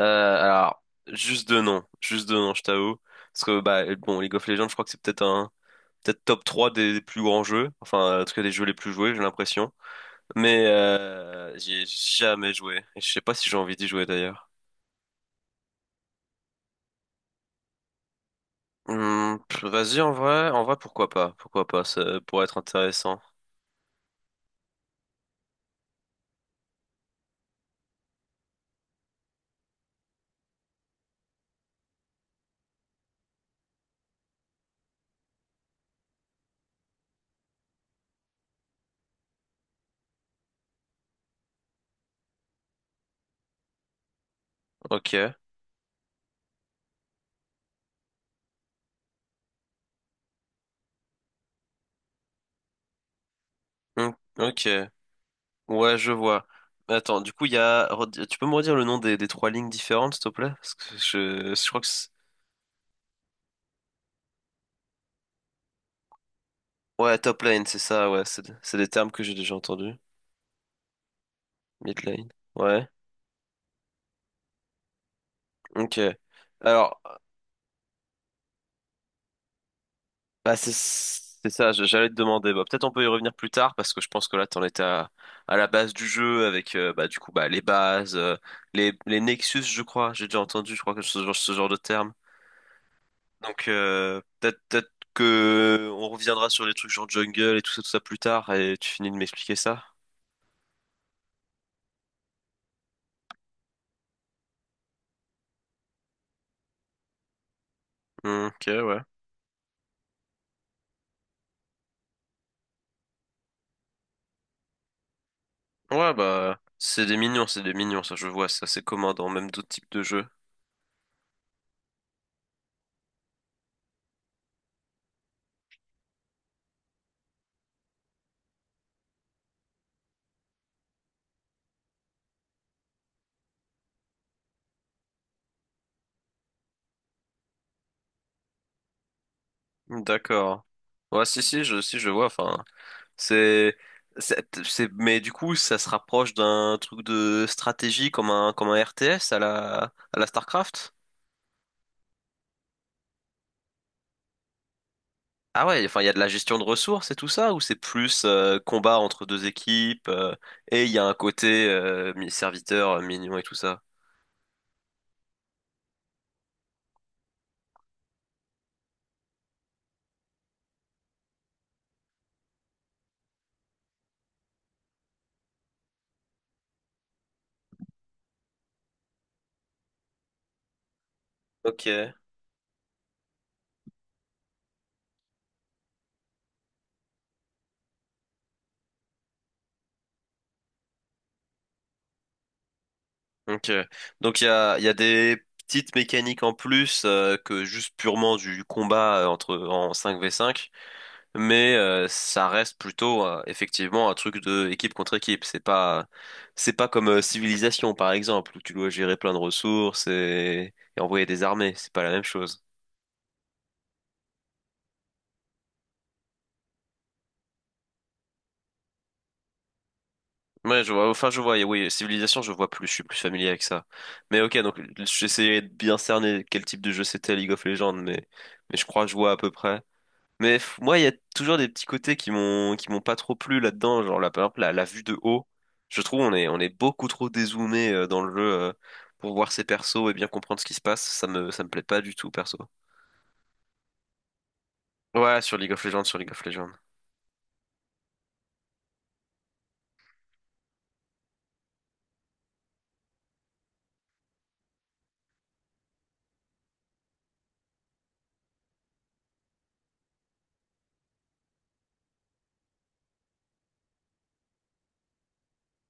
Euh, alors, juste de nom, juste de nom. Je t'avoue. Parce que, bah, bon, League of Legends, je crois que c'est peut-être top 3 des plus grands jeux. Enfin, en tout cas, des jeux les plus joués, j'ai l'impression. Mais, j'y ai jamais joué. Et je sais pas si j'ai envie d'y jouer d'ailleurs. Vas-y, en vrai, pourquoi pas? Pourquoi pas? Ça pourrait être intéressant. Ok. Hmm, ok. Ouais, je vois. Mais attends, du coup, il y a, redi- tu peux me redire le nom des trois lignes différentes, s'il te plaît? Parce que je crois que c'est- Ouais, top lane, c'est ça, ouais, c'est des termes que j'ai déjà entendus. Mid lane. Ouais, ok. Alors, bah c'est ça, j'allais te demander. Bah, peut-être on peut y revenir plus tard parce que je pense que là t'en étais à la base du jeu avec bah du coup bah les bases, les Nexus, je crois. J'ai déjà entendu, je crois que ce genre de terme. Donc peut-être que on reviendra sur les trucs genre jungle et tout ça plus tard et tu finis de m'expliquer ça. Hmm, ok, ouais. Ouais, bah, c'est des mignons, ça je vois, ça c'est commun dans même d'autres types de jeux. D'accord. Ouais, si, si, si, je vois, enfin, c'est, mais du coup, ça se rapproche d'un truc de stratégie comme un RTS à la StarCraft? Ah ouais, enfin, il y a de la gestion de ressources et tout ça, ou c'est plus combat entre deux équipes, et il y a un côté serviteur, mignon et tout ça? Ok. Ok. Donc il y a des petites mécaniques en plus que juste purement du combat entre en cinq v cinq, mais ça reste plutôt effectivement un truc de équipe contre équipe. C'est pas comme Civilisation par exemple où tu dois gérer plein de ressources et envoyer des armées. C'est pas la même chose. Ouais, je vois. Enfin, je vois. Oui, Civilisation, je vois plus. Je suis plus familier avec ça. Mais ok, donc j'essayais de bien cerner quel type de jeu c'était League of Legends, mais je crois que je vois à peu près. Mais moi, il y a toujours des petits côtés qui m'ont pas trop plu là-dedans. Genre, par exemple, la vue de haut. Je trouve on est beaucoup trop dézoomé dans le jeu pour voir ses persos et bien comprendre ce qui se passe. Ça me plaît pas du tout, perso. Ouais, sur League of Legends, sur League of Legends.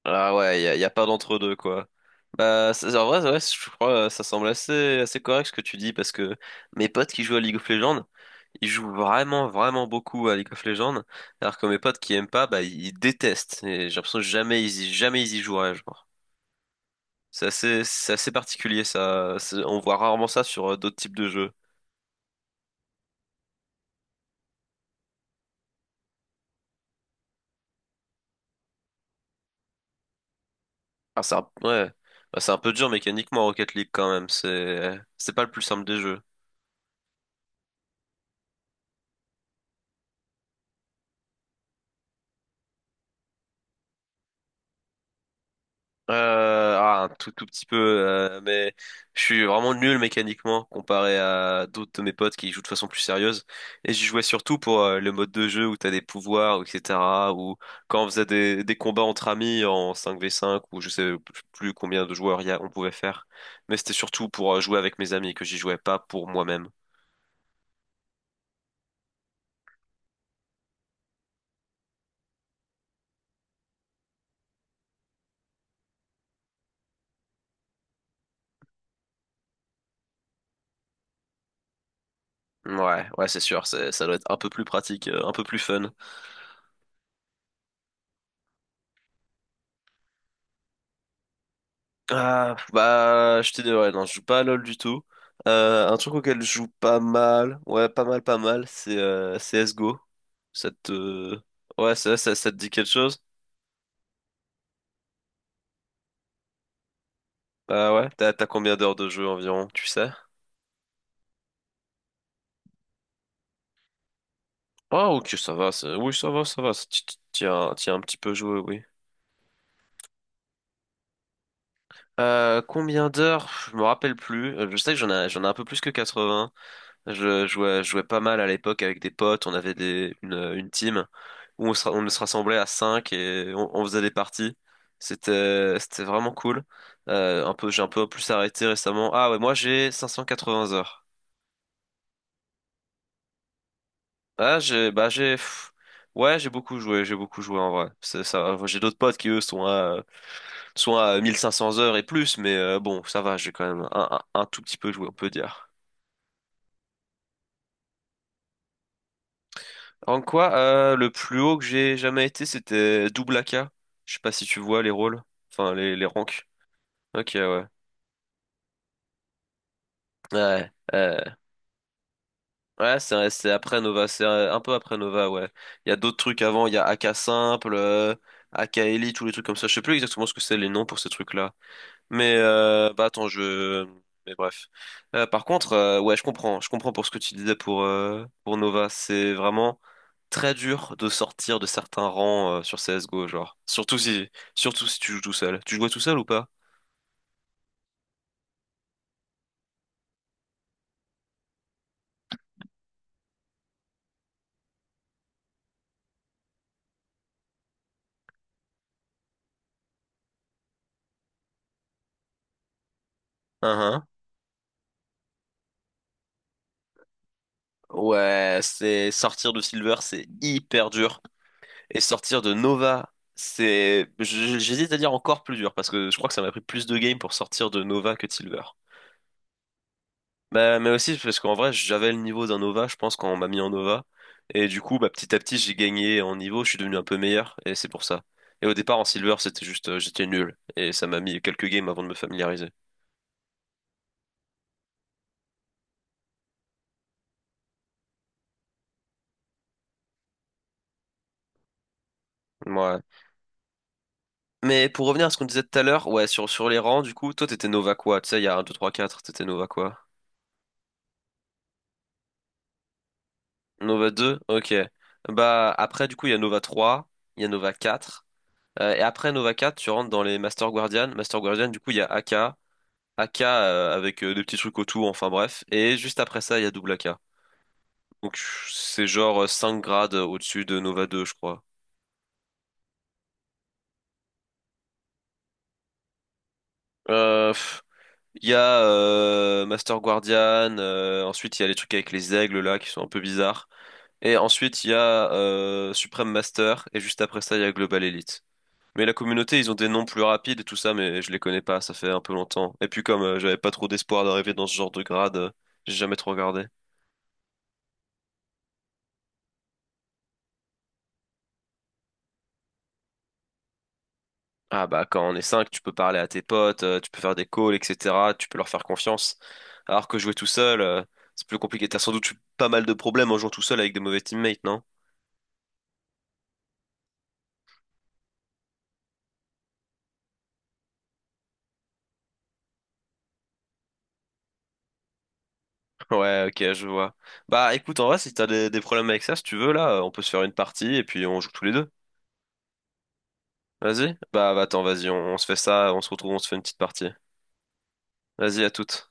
Ah ouais, y a pas d'entre-deux, quoi. Bah, en vrai, ouais, je crois ça semble assez, assez correct ce que tu dis, parce que mes potes qui jouent à League of Legends, ils jouent vraiment, vraiment beaucoup à League of Legends, alors que mes potes qui aiment pas, bah, ils détestent. Et j'ai l'impression que jamais ils y joueraient, genre. C'est assez particulier, ça. On voit rarement ça sur d'autres types de jeux. Ah, c'est un, ouais. Bah, c'est un peu dur mécaniquement Rocket League quand même. C'est pas le plus simple des jeux. Ah, un tout, tout petit peu, mais je suis vraiment nul mécaniquement comparé à d'autres de mes potes qui jouent de façon plus sérieuse. Et j'y jouais surtout pour le mode de jeu où t'as des pouvoirs, etc. Ou quand on faisait des combats entre amis en cinq v cinq ou je sais plus combien de joueurs il y a, on pouvait faire. Mais c'était surtout pour jouer avec mes amis que j'y jouais pas pour moi-même. Ouais, ouais, c'est sûr, ça doit être un peu plus pratique, un peu plus fun. Ah, bah, je t'ai dit, ouais, non, je joue pas à LoL du tout. Un truc auquel je joue pas mal, ouais, pas mal, pas mal, c'est CSGO. Ça te... Ouais, ça te dit quelque chose? Bah ouais, t'as combien d'heures de jeu environ, tu sais? Ah, ok, ça va, oui, ça va, tu as un petit peu joué, oui. Combien d'heures? Je me rappelle plus. Je sais que j'en ai un peu plus que 80. Je jouais pas mal à l'époque avec des potes. On avait une team où on se rassemblait à 5 et on faisait des parties. C'était vraiment cool. J'ai un peu plus arrêté récemment. Ah ouais, moi j'ai 580 heures. Ah, bah, ouais, j'ai beaucoup joué, j'ai beaucoup joué en vrai. C'est ça, j'ai d'autres potes qui eux sont à 1500 heures et plus, mais bon, ça va, j'ai quand même un tout petit peu joué, on peut dire. Le plus haut que j'ai jamais été, c'était double AK. Je sais pas si tu vois les rôles, enfin les ranks. Ok, ouais. Ouais. Ouais, c'est après Nova, c'est un peu après Nova, ouais. Il y a d'autres trucs avant, il y a AK Simple, AK Elite, tous les trucs comme ça. Je sais plus exactement ce que c'est les noms pour ces trucs-là. Mais bah attends, je. Mais bref. Par contre, ouais, je comprends pour ce que tu disais pour pour Nova. C'est vraiment très dur de sortir de certains rangs sur CS:GO, genre. Surtout si tu joues tout seul. Tu jouais tout seul ou pas? Hein, hein. Ouais, c'est sortir de Silver, c'est hyper dur. Et sortir de Nova, j'hésite à dire encore plus dur, parce que je crois que ça m'a pris plus de games pour sortir de Nova que de Silver. Bah, mais aussi parce qu'en vrai, j'avais le niveau d'un Nova, je pense, quand on m'a mis en Nova. Et du coup, bah, petit à petit, j'ai gagné en niveau, je suis devenu un peu meilleur, et c'est pour ça. Et au départ, en Silver, c'était juste, j'étais nul. Et ça m'a mis quelques games avant de me familiariser. Ouais. Mais pour revenir à ce qu'on disait tout à l'heure, ouais, sur les rangs, du coup, toi, t'étais Nova quoi? Tu sais, il y a un, 2, 3, 4, t'étais Nova quoi? Nova 2, ok. Bah après du coup il y a Nova 3, il y a Nova 4. Et après Nova 4, tu rentres dans les Master Guardian. Master Guardian, du coup il y a AK, AK avec des petits trucs autour, enfin bref. Et juste après ça, il y a double AK. Donc c'est genre 5 grades au-dessus de Nova 2, je crois. Euh, pff, il y a Master Guardian, ensuite il y a les trucs avec les aigles là qui sont un peu bizarres. Et ensuite il y a Supreme Master, et juste après ça il y a Global Elite. Mais la communauté, ils ont des noms plus rapides et tout ça, mais je les connais pas, ça fait un peu longtemps. Et puis comme j'avais pas trop d'espoir d'arriver dans ce genre de grade, j'ai jamais trop regardé. Ah bah quand on est 5, tu peux parler à tes potes, tu peux faire des calls, etc. Tu peux leur faire confiance. Alors que jouer tout seul, c'est plus compliqué. T'as sans doute eu pas mal de problèmes en jouant tout seul avec des mauvais teammates, non? Ouais, ok, je vois. Bah écoute, en vrai, si t'as des problèmes avec ça, si tu veux, là, on peut se faire une partie et puis on joue tous les deux. Vas-y? Bah, attends, vas-y, on se fait ça, on se retrouve, on se fait une petite partie. Vas-y, à toutes.